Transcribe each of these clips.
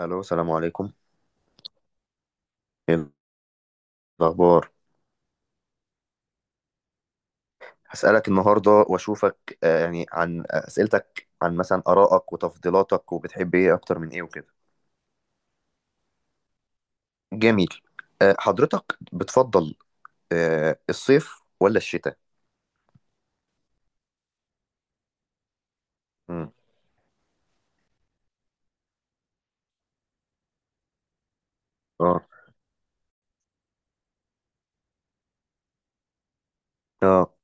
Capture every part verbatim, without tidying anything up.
الو، السلام عليكم. ايه الاخبار؟ هسألك النهارده واشوفك، آه، يعني عن اسئلتك، عن مثلا ارائك وتفضيلاتك، وبتحب ايه اكتر من ايه وكده. جميل. آه، حضرتك بتفضل آه، الصيف ولا الشتاء؟ امم. اه. اه.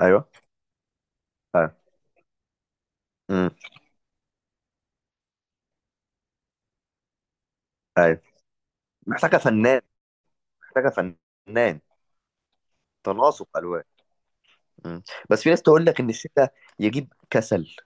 ايوه. ايوه. امم. ايوه. محتاجه فنان. محتاجه فنان. تناسق الوان. مم. بس في ناس تقول لك ان الشتاء يجيب كسل،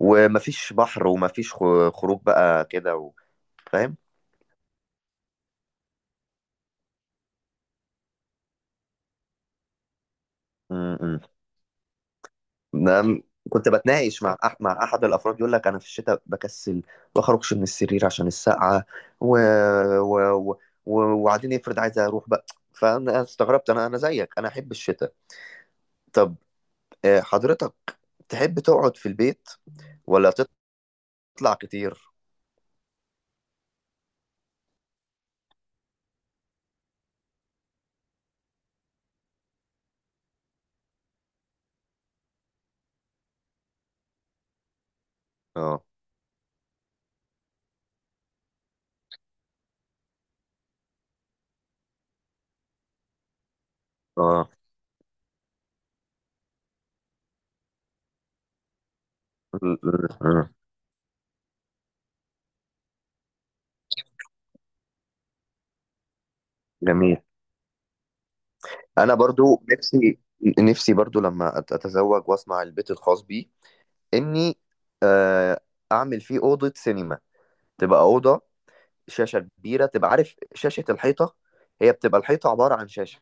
ومفيش بحر، ومفيش خ- خروج بقى كده و- فاهم. نعم. كنت بتناقش مع أح مع احد الافراد يقول لك انا في الشتاء بكسل، ما اخرجش من السرير عشان السقعه و... و... و... و... وبعدين افرض عايز اروح بقى. فانا استغربت، انا انا زيك، انا احب الشتاء. طب آه، حضرتك تحب تقعد في البيت ولا تطلع كتير؟ اه. اه. م- م- م. جميل. انا برضو نفسي، نفسي برضو لما أت- اتزوج واصنع البيت الخاص بي، اني آه، اعمل فيه اوضه سينما. تبقى اوضه شاشة كبيرة، تبقى عارف، شاشة الحيطة. هي بتبقى الحيطة عبارة عن شاشة.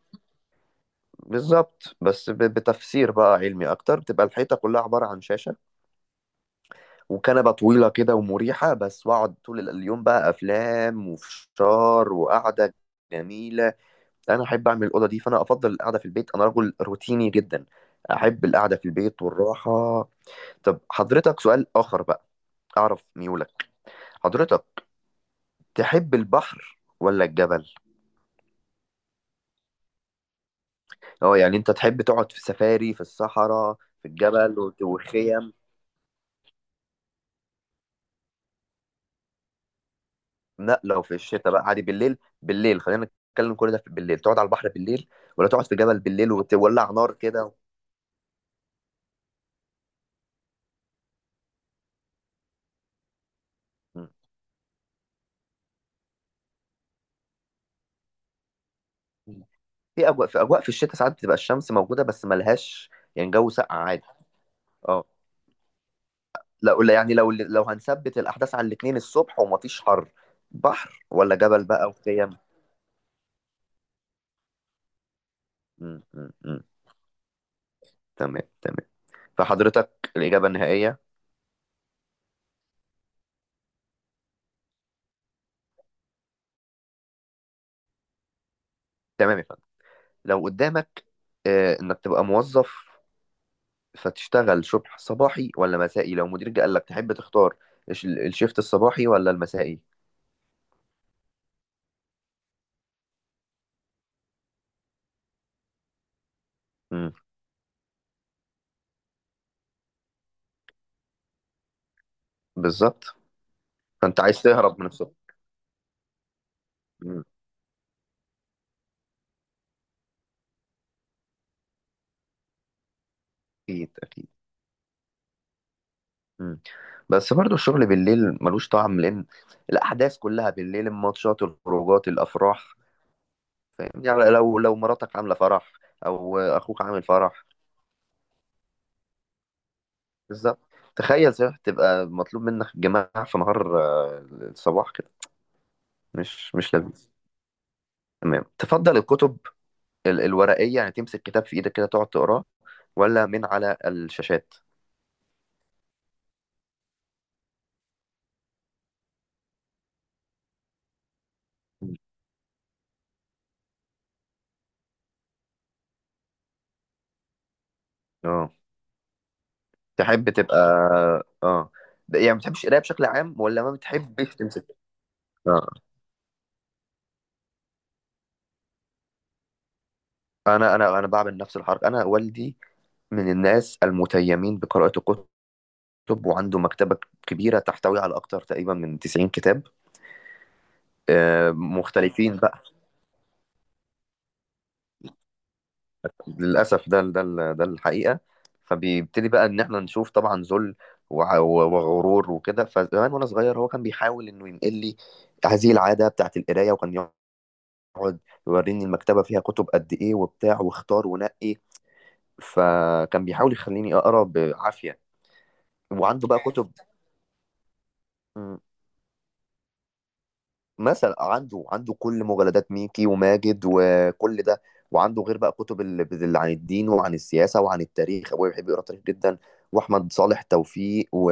بالظبط، بس ب- بتفسير بقى علمي أكتر، بتبقى الحيطة كلها عبارة عن شاشة. وكنبة طويلة كده ومريحة بس، وأقعد طول اليوم بقى أفلام وفشار وقعدة جميلة. أنا أحب أعمل الأوضة دي، فأنا أفضل القعدة في البيت. أنا رجل روتيني جدا، أحب القعدة في البيت والراحة. طب حضرتك سؤال آخر بقى أعرف ميولك. حضرتك تحب البحر ولا الجبل؟ اه، يعني انت تحب تقعد في سفاري في الصحراء، في الجبل وت- وخيم؟ لا، لو في الشتاء بقى عادي، بالليل، بالليل خلينا نتكلم، كل ده في بالليل. تقعد على البحر بالليل، ولا تقعد في جبل بالليل وتولع نار كده؟ م. في اجواء في اجواء في الشتاء ساعات بتبقى الشمس موجوده بس ملهاش، يعني جو ساقع عادي. اه. لا قول، يعني لو لو هنثبت الاحداث على الاثنين، الصبح ومفيش حر، بحر ولا جبل بقى وخيم؟ م- م- م. تمام، تمام. فحضرتك الاجابه النهائيه. تمام. لو قدامك آه، انك تبقى موظف، فتشتغل شبح صباحي ولا مسائي، لو مديرك قال لك تحب تختار الش- الشيفت الصباحي ولا المسائي؟ مم. بالظبط. فانت عايز تهرب من الصبح. مم. اكيد، اكيد. مم. بس برضو الشغل بالليل ملوش طعم، لان الاحداث كلها بالليل، الماتشات، الخروجات، الافراح. فاهم، يعني لو لو مراتك عامله فرح، او اخوك عامل فرح. بالظبط. تخيل، صح، تبقى مطلوب منك جماعة في نهار آه، الصباح كده، مش مش لذيذ. تمام. تفضل الكتب ال- الورقية، يعني تمسك كتاب في ايدك كده تقعد تقراه، ولا من على الشاشات؟ اه. تحب تبقى. اه. ده- يعني ما بتحبش القراية بشكل عام، ولا ما بتحبش تمسك؟ اه. انا انا انا بعمل نفس الحركة. انا والدي من الناس المتيمين بقراءة الكتب، وعنده مكتبة كبيرة تحتوي على اكتر تقريبا من تسعين كتاب آه، مختلفين. للأسف ده ده ده الحقيقة. فبيبتدي بقى إن إحنا نشوف، طبعا، ذل وع- وغرور وكده. فزمان وأنا صغير، هو كان بيحاول إنه ينقل لي هذه العادة بتاعت القراية، وكان يقعد يوريني المكتبة فيها كتب قد إيه وبتاع، واختار ونقي. فكان بيحاول يخليني أقرأ بعافية. وعنده بقى كتب، مثلا عنده عنده كل مجلدات ميكي وماجد وكل ده، وعنده غير بقى كتب ال- اللي عن الدين وعن السياسة وعن التاريخ. أبويا بيحب يقرأ تاريخ جدا، وأحمد صالح توفيق، و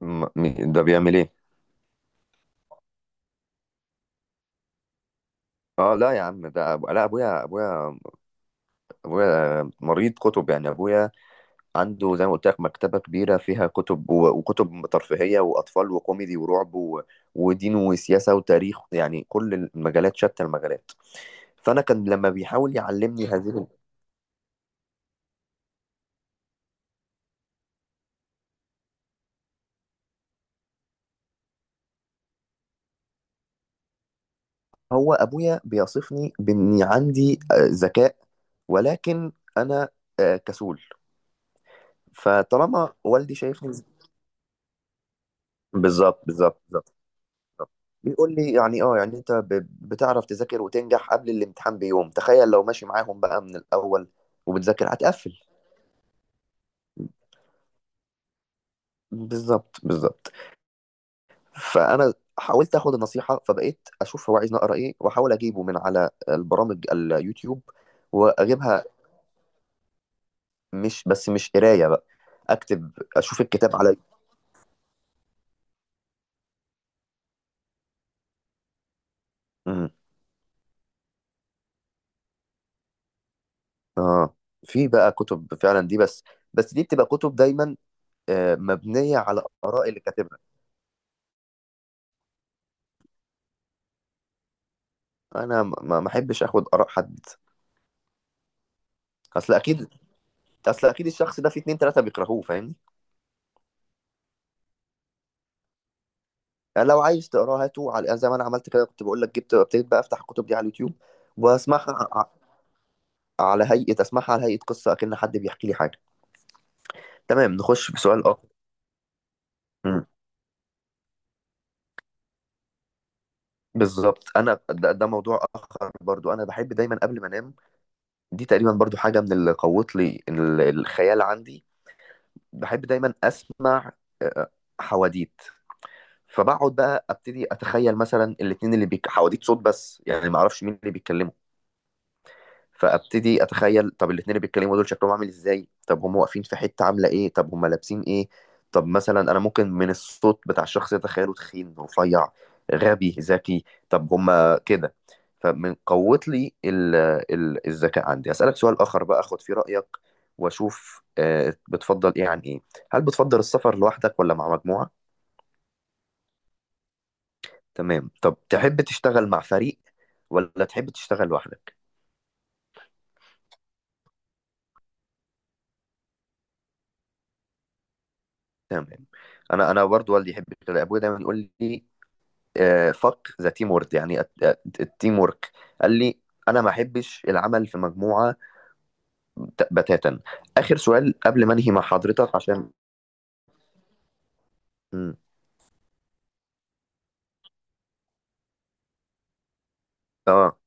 م- م- ده بيعمل إيه؟ اه لا يا عم، ده أبو... لا، ابويا ابويا ابويا مريض كتب. يعني ابويا عنده زي ما قلت لك مكتبه كبيره، فيها كتب و... وكتب ترفيهيه واطفال وكوميدي ورعب و... ودين وسياسه وتاريخ، يعني كل المجالات، شتى المجالات. فانا كان لما بيحاول يعلمني هذه. هو ابويا بيصفني باني عندي آه، ذكاء، ولكن انا آه، كسول. فطالما والدي شايفني ز- بالظبط، بالظبط، بالظبط. بالظبط. بيقول لي، يعني، اه، يعني انت ب- بتعرف تذاكر وتنجح قبل الامتحان بيوم، تخيل لو ماشي معاهم بقى من الاول وبتذاكر، هتقفل. بالظبط، بالظبط. فانا حاولت اخد النصيحه، فبقيت اشوف هو عايز اقرا ايه، واحاول اجيبه من على البرامج، اليوتيوب، واجيبها. مش بس مش قرايه بقى، اكتب، اشوف الكتاب على... امم. اه. في بقى كتب فعلا دي، بس بس دي بتبقى كتب دايما آه، مبنيه على اراء اللي كاتبها. انا ما ما- ما احبش اخد اراء حد. اصل اكيد، اصل اكيد الشخص ده في اتنين تلاته بيكرهوه، فاهمني؟ يعني لو عايز تقراه هاته على، يعني زي ما انا عملت كده، كنت بقول لك جبت، ابتديت بقى افتح الكتب دي على اليوتيوب واسمعها ع- على هيئه. اسمعها على هيئه قصه، اكن حد بيحكي لي حاجه. تمام، نخش في سؤال اخر. مم. بالظبط. انا ده, ده موضوع اخر برضو، انا بحب دايما قبل ما انام، دي تقريبا برضو حاجة من اللي قوت لي ال- الخيال عندي. بحب دايما أسمع آه، حواديت. فبقعد بقى أبتدي أتخيل، مثلا الاتنين اللي بيك... حواديت صوت بس، يعني ما أعرفش مين اللي بيتكلموا. فابتدي اتخيل، طب الاتنين اللي بيتكلموا دول شكلهم عامل ازاي، طب هم واقفين في حته عامله ايه، طب هم لابسين ايه. طب مثلا انا ممكن من الصوت بتاع الشخص اتخيله تخين، رفيع، غبي، ذكي. طب هم كده. فمن قوت لي ال- ال- الذكاء عندي. اسالك سؤال اخر بقى اخد فيه رايك، واشوف آه، بتفضل ايه عن ايه. هل بتفضل السفر لوحدك ولا مع مجموعه؟ تمام. طب تحب تشتغل مع فريق ولا تحب تشتغل لوحدك؟ تمام. انا انا برضو والدي يحب كده، ابويا دايما يقول لي فك ذا تيم وورك، يعني الت- الت- التيم وورك. قال لي انا ما احبش العمل في مجموعه بت- بتاتا. اخر سؤال قبل ما انهي مع حضرتك عشان... مم. اه.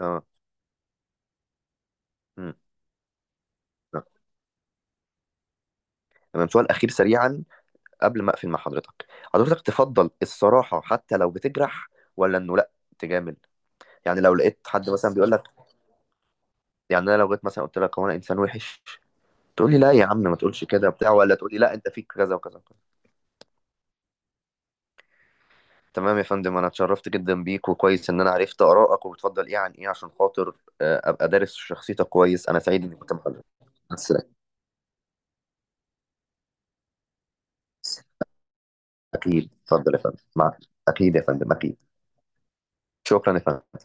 اه. مم. آه. تمام، سؤال اخير سريعا قبل ما اقفل مع حضرتك. حضرتك تفضل الصراحه حتى لو بتجرح، ولا انه لا تجامل؟ يعني لو لقيت حد مثلا بيقول لك، يعني انا لو جيت مثلا قلت لك هو انا انسان وحش، تقول لي لا يا عم ما تقولش كده بتاع، ولا تقول لي لا انت فيك كذا وكذا وكذا؟ تمام يا فندم، انا اتشرفت جدا بيك، وكويس ان انا عرفت ارائك وبتفضل ايه عن ايه، عشان خاطر آه، ابقى دارس شخصيتك كويس. انا سعيد اني كنت معاك، مع السلامة. اكيد، اتفضل يا فندم، مع. اكيد يا فندم، اكيد. شكرا يا فندم.